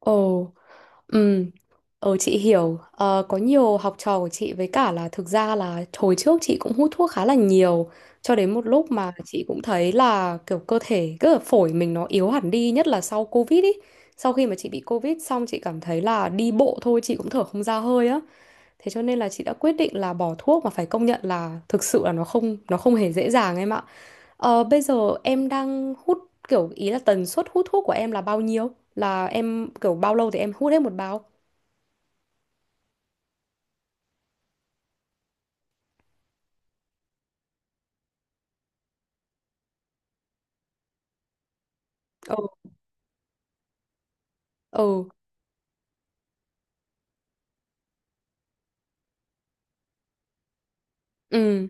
Ồ, ừ, chị hiểu. Ờ, có nhiều học trò của chị, với cả là thực ra là hồi trước chị cũng hút thuốc khá là nhiều cho đến một lúc mà chị cũng thấy là kiểu cơ thể, cứ là phổi mình nó yếu hẳn đi, nhất là sau Covid ý. Sau khi mà chị bị Covid xong chị cảm thấy là đi bộ thôi chị cũng thở không ra hơi á. Thế cho nên là chị đã quyết định là bỏ thuốc, mà phải công nhận là thực sự là nó không hề dễ dàng em ạ. Bây giờ em đang hút kiểu, ý là tần suất hút thuốc của em là bao nhiêu? Là em kiểu bao lâu thì em hút hết một bao? Ừ, ừ, ừ,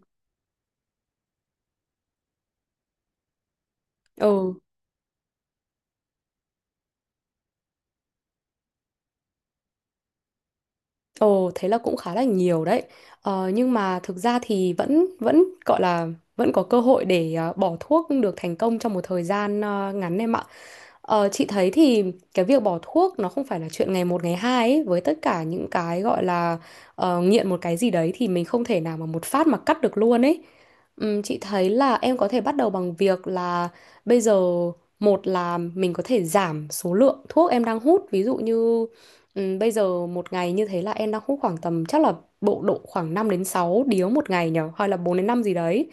ừ, ừ, thế là cũng khá là nhiều đấy. Nhưng mà thực ra thì vẫn vẫn gọi là vẫn có cơ hội để bỏ thuốc được thành công trong một thời gian ngắn em ạ. Chị thấy thì cái việc bỏ thuốc nó không phải là chuyện ngày một ngày hai ấy. Với tất cả những cái gọi là nghiện một cái gì đấy thì mình không thể nào mà một phát mà cắt được luôn ấy. Chị thấy là em có thể bắt đầu bằng việc là bây giờ, một là mình có thể giảm số lượng thuốc em đang hút. Ví dụ như bây giờ một ngày như thế là em đang hút khoảng tầm chắc là bộ độ khoảng 5 đến 6 điếu một ngày nhở, hay là 4 đến 5 gì đấy.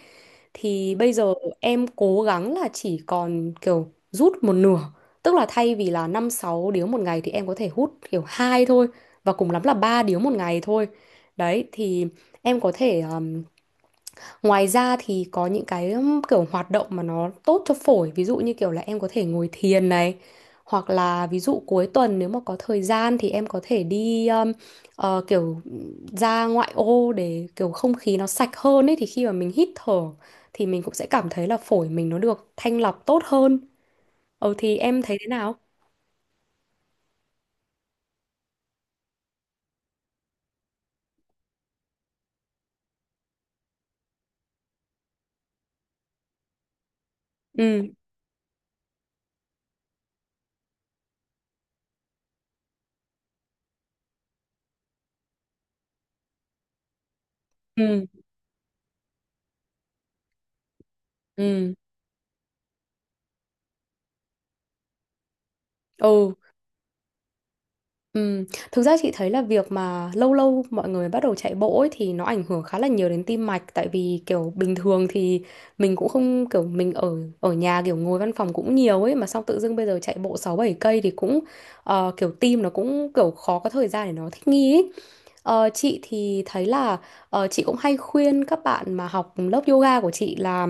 Thì bây giờ em cố gắng là chỉ còn kiểu rút một nửa. Tức là thay vì là 5 6 điếu một ngày thì em có thể hút kiểu hai thôi, và cùng lắm là ba điếu một ngày thôi. Đấy, thì em có thể ngoài ra thì có những cái kiểu hoạt động mà nó tốt cho phổi, ví dụ như kiểu là em có thể ngồi thiền này, hoặc là ví dụ cuối tuần nếu mà có thời gian thì em có thể đi kiểu ra ngoại ô để kiểu không khí nó sạch hơn ấy, thì khi mà mình hít thở thì mình cũng sẽ cảm thấy là phổi mình nó được thanh lọc tốt hơn. Ừ, thì em thấy thế nào? Ừ. Ừ, ừ, ừ, ừ. Thực ra chị thấy là việc mà lâu lâu mọi người bắt đầu chạy bộ ấy thì nó ảnh hưởng khá là nhiều đến tim mạch, tại vì kiểu bình thường thì mình cũng không, kiểu mình ở ở nhà kiểu ngồi văn phòng cũng nhiều ấy, mà xong tự dưng bây giờ chạy bộ 6 7 cây thì cũng kiểu tim nó cũng kiểu khó có thời gian để nó thích nghi ấy. Chị thì thấy là chị cũng hay khuyên các bạn mà học lớp yoga của chị là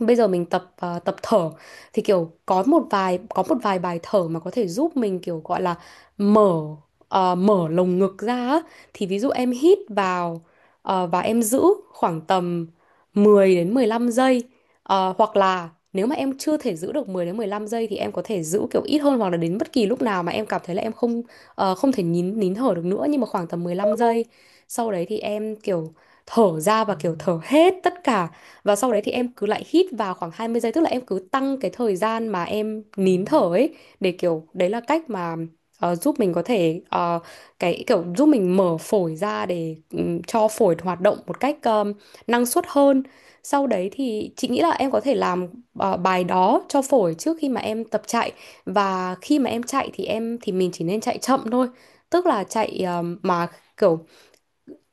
bây giờ mình tập tập thở, thì kiểu có một vài bài thở mà có thể giúp mình kiểu gọi là mở mở lồng ngực ra á. Thì ví dụ em hít vào và em giữ khoảng tầm 10 đến 15 giây. À, hoặc là nếu mà em chưa thể giữ được 10 đến 15 giây thì em có thể giữ kiểu ít hơn, hoặc là đến bất kỳ lúc nào mà em cảm thấy là em không thể nín nín thở được nữa, nhưng mà khoảng tầm 15 giây sau đấy thì em kiểu thở ra và kiểu thở hết tất cả, và sau đấy thì em cứ lại hít vào khoảng 20 giây, tức là em cứ tăng cái thời gian mà em nín thở ấy, để kiểu đấy là cách mà giúp mình có thể cái kiểu giúp mình mở phổi ra để cho phổi hoạt động một cách năng suất hơn. Sau đấy thì chị nghĩ là em có thể làm bài đó cho phổi trước khi mà em tập chạy, và khi mà em chạy thì em thì mình chỉ nên chạy chậm thôi, tức là chạy mà kiểu,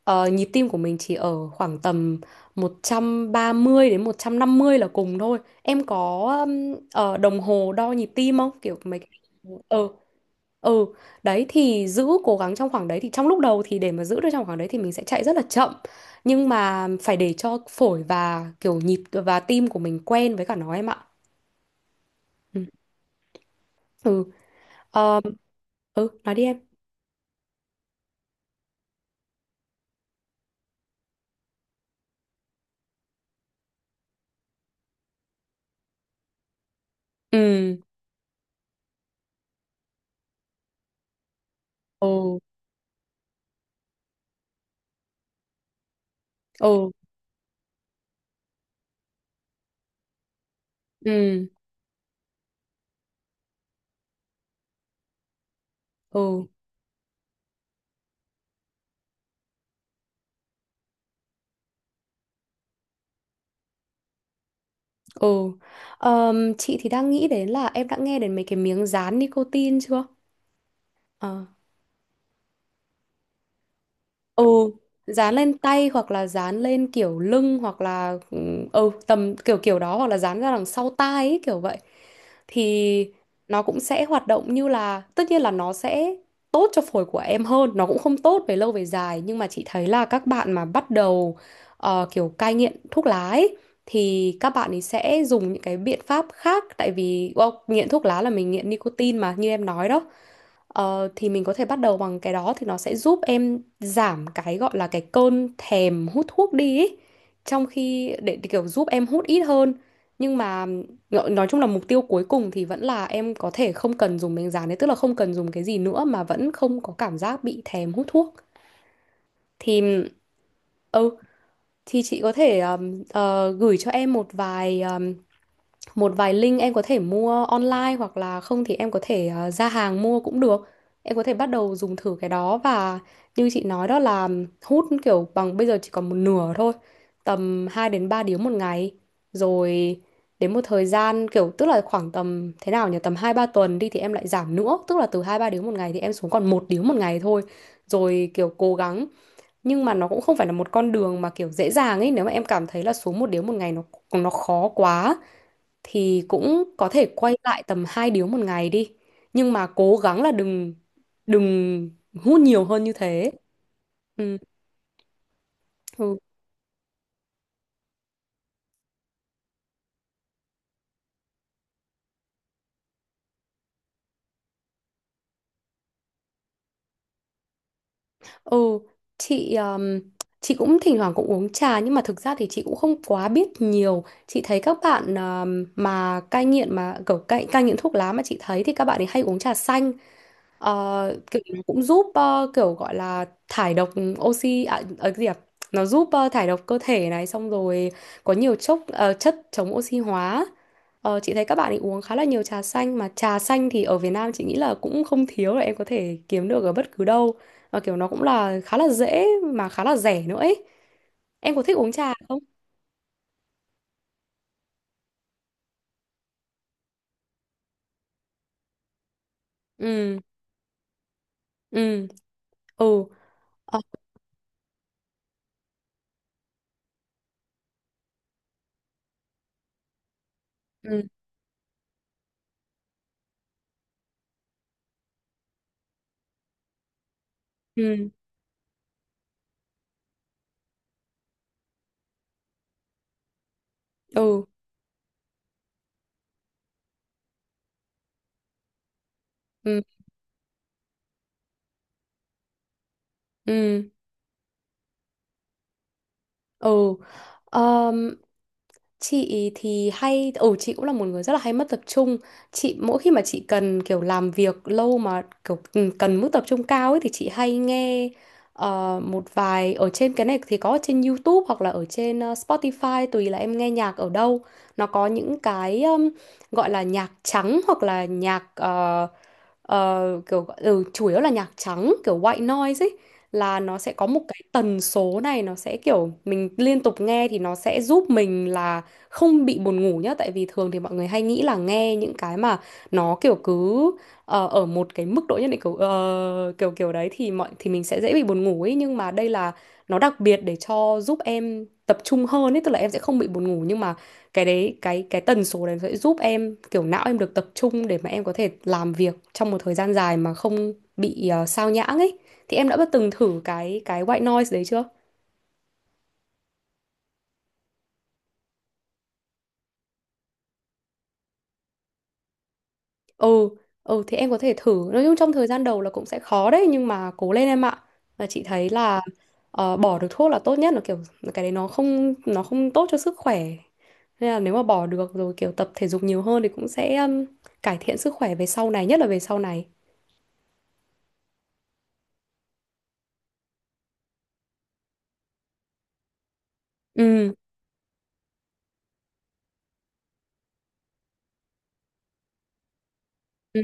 Nhịp tim của mình chỉ ở khoảng tầm 130 đến 150 là cùng thôi. Em có đồng hồ đo nhịp tim không? Kiểu mấy cái... Ừ, ừ. Đấy thì giữ cố gắng trong khoảng đấy, thì trong lúc đầu thì để mà giữ được trong khoảng đấy thì mình sẽ chạy rất là chậm. Nhưng mà phải để cho phổi và kiểu nhịp và tim của mình quen với cả nó em ạ. Ừ. Ừ. Ờ, ừ, nói đi em. Ừ. Ừ. Ừ. Ừ. Ừ. Ừ. Chị thì đang nghĩ đến là em đã nghe đến mấy cái miếng dán nicotine chưa? Ờ. ừ Dán lên tay, hoặc là dán lên kiểu lưng, hoặc là tầm kiểu kiểu đó, hoặc là dán ra đằng sau tai ấy, kiểu vậy thì nó cũng sẽ hoạt động, như là tất nhiên là nó sẽ tốt cho phổi của em hơn, nó cũng không tốt về lâu về dài, nhưng mà chị thấy là các bạn mà bắt đầu kiểu cai nghiện thuốc lá ấy, thì các bạn ấy sẽ dùng những cái biện pháp khác, tại vì well, nghiện thuốc lá là mình nghiện nicotine mà như em nói đó. Thì mình có thể bắt đầu bằng cái đó, thì nó sẽ giúp em giảm cái gọi là cái cơn thèm hút thuốc đi ý. Trong khi để kiểu giúp em hút ít hơn, nhưng mà nói chung là mục tiêu cuối cùng thì vẫn là em có thể không cần dùng miếng dán đấy, tức là không cần dùng cái gì nữa mà vẫn không có cảm giác bị thèm hút thuốc. Thì ừ thì chị có thể gửi cho em một vài link em có thể mua online, hoặc là không thì em có thể ra hàng mua cũng được. Em có thể bắt đầu dùng thử cái đó và như chị nói đó là hút kiểu bằng bây giờ chỉ còn một nửa thôi. Tầm 2 đến 3 điếu một ngày. Rồi đến một thời gian kiểu, tức là khoảng tầm thế nào nhỉ? Tầm 2 3 tuần đi thì em lại giảm nữa, tức là từ 2 3 điếu một ngày thì em xuống còn một điếu một ngày thôi. Rồi kiểu cố gắng, nhưng mà nó cũng không phải là một con đường mà kiểu dễ dàng ấy, nếu mà em cảm thấy là xuống một điếu một ngày nó khó quá thì cũng có thể quay lại tầm hai điếu một ngày đi, nhưng mà cố gắng là đừng đừng hút nhiều hơn như thế. Ừ, ừ, ừ. chị um, chị cũng thỉnh thoảng cũng uống trà, nhưng mà thực ra thì chị cũng không quá biết nhiều, chị thấy các bạn mà cai nghiện, mà kiểu cai cai nghiện thuốc lá, mà chị thấy thì các bạn ấy hay uống trà xanh. Kiểu nó cũng giúp kiểu gọi là thải độc oxy à, cái gì à? Nó giúp thải độc cơ thể này, xong rồi có nhiều chốc chất chống oxy hóa. Chị thấy các bạn ấy uống khá là nhiều trà xanh, mà trà xanh thì ở Việt Nam chị nghĩ là cũng không thiếu, là em có thể kiếm được ở bất cứ đâu. Và kiểu nó cũng là khá là dễ mà khá là rẻ nữa ấy. Em có thích uống trà không? Ừ, ừ, ừ, ờ, ừ, ừ, ừ, ừ, ừ. Ừ. Ờm, chị thì hay, chị cũng là một người rất là hay mất tập trung. Chị mỗi khi mà chị cần kiểu làm việc lâu mà kiểu cần mức tập trung cao ấy thì chị hay nghe một vài ở trên cái này thì có ở trên YouTube hoặc là ở trên Spotify, tùy là em nghe nhạc ở đâu. Nó có những cái gọi là nhạc trắng hoặc là nhạc kiểu chủ yếu là nhạc trắng, kiểu white noise ấy, là nó sẽ có một cái tần số này, nó sẽ kiểu mình liên tục nghe thì nó sẽ giúp mình là không bị buồn ngủ nhá. Tại vì thường thì mọi người hay nghĩ là nghe những cái mà nó kiểu cứ ở một cái mức độ nhất định kiểu kiểu kiểu đấy thì mọi, thì mình sẽ dễ bị buồn ngủ ấy, nhưng mà đây là nó đặc biệt để cho giúp em tập trung hơn ấy, tức là em sẽ không bị buồn ngủ, nhưng mà cái đấy cái tần số đấy sẽ giúp em kiểu não em được tập trung để mà em có thể làm việc trong một thời gian dài mà không bị sao nhãng ấy. Thì em đã bắt từng thử cái white noise đấy chưa? Ừ. Ừ, thì em có thể thử, nói chung trong thời gian đầu là cũng sẽ khó đấy, nhưng mà cố lên em ạ. Và chị thấy là bỏ được thuốc là tốt nhất, là kiểu cái đấy nó không tốt cho sức khỏe, nên là nếu mà bỏ được rồi kiểu tập thể dục nhiều hơn thì cũng sẽ cải thiện sức khỏe về sau này, nhất là về sau này. Ừ. Ừ.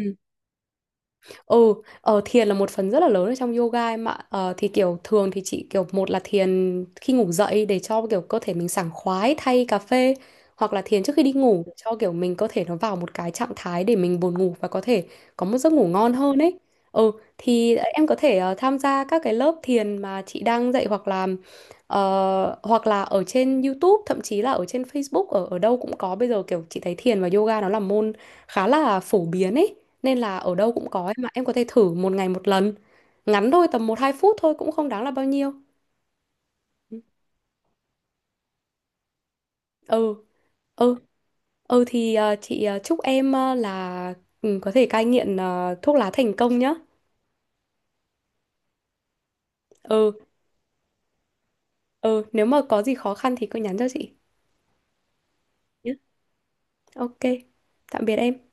Ừ, thiền là một phần rất là lớn ở trong yoga em ạ. Ờ, thì kiểu thường thì chị kiểu một là thiền khi ngủ dậy để cho kiểu cơ thể mình sảng khoái thay cà phê, hoặc là thiền trước khi đi ngủ để cho kiểu mình cơ thể nó vào một cái trạng thái để mình buồn ngủ và có thể có một giấc ngủ ngon hơn ấy. Ừ, thì em có thể tham gia các cái lớp thiền mà chị đang dạy, hoặc là hoặc là ở trên YouTube, thậm chí là ở trên Facebook, ở ở đâu cũng có bây giờ, kiểu chị thấy thiền và yoga nó là môn khá là phổ biến ấy, nên là ở đâu cũng có ấy, mà em có thể thử một ngày một lần ngắn thôi, tầm một hai phút thôi cũng không đáng là bao nhiêu. Ừ. Ừ. Ừ, thì chị chúc em là có thể cai nghiện thuốc lá thành công nhá. Ừ. Ừ, nếu mà có gì khó khăn thì cứ nhắn cho chị nhé. Ok. Tạm biệt em.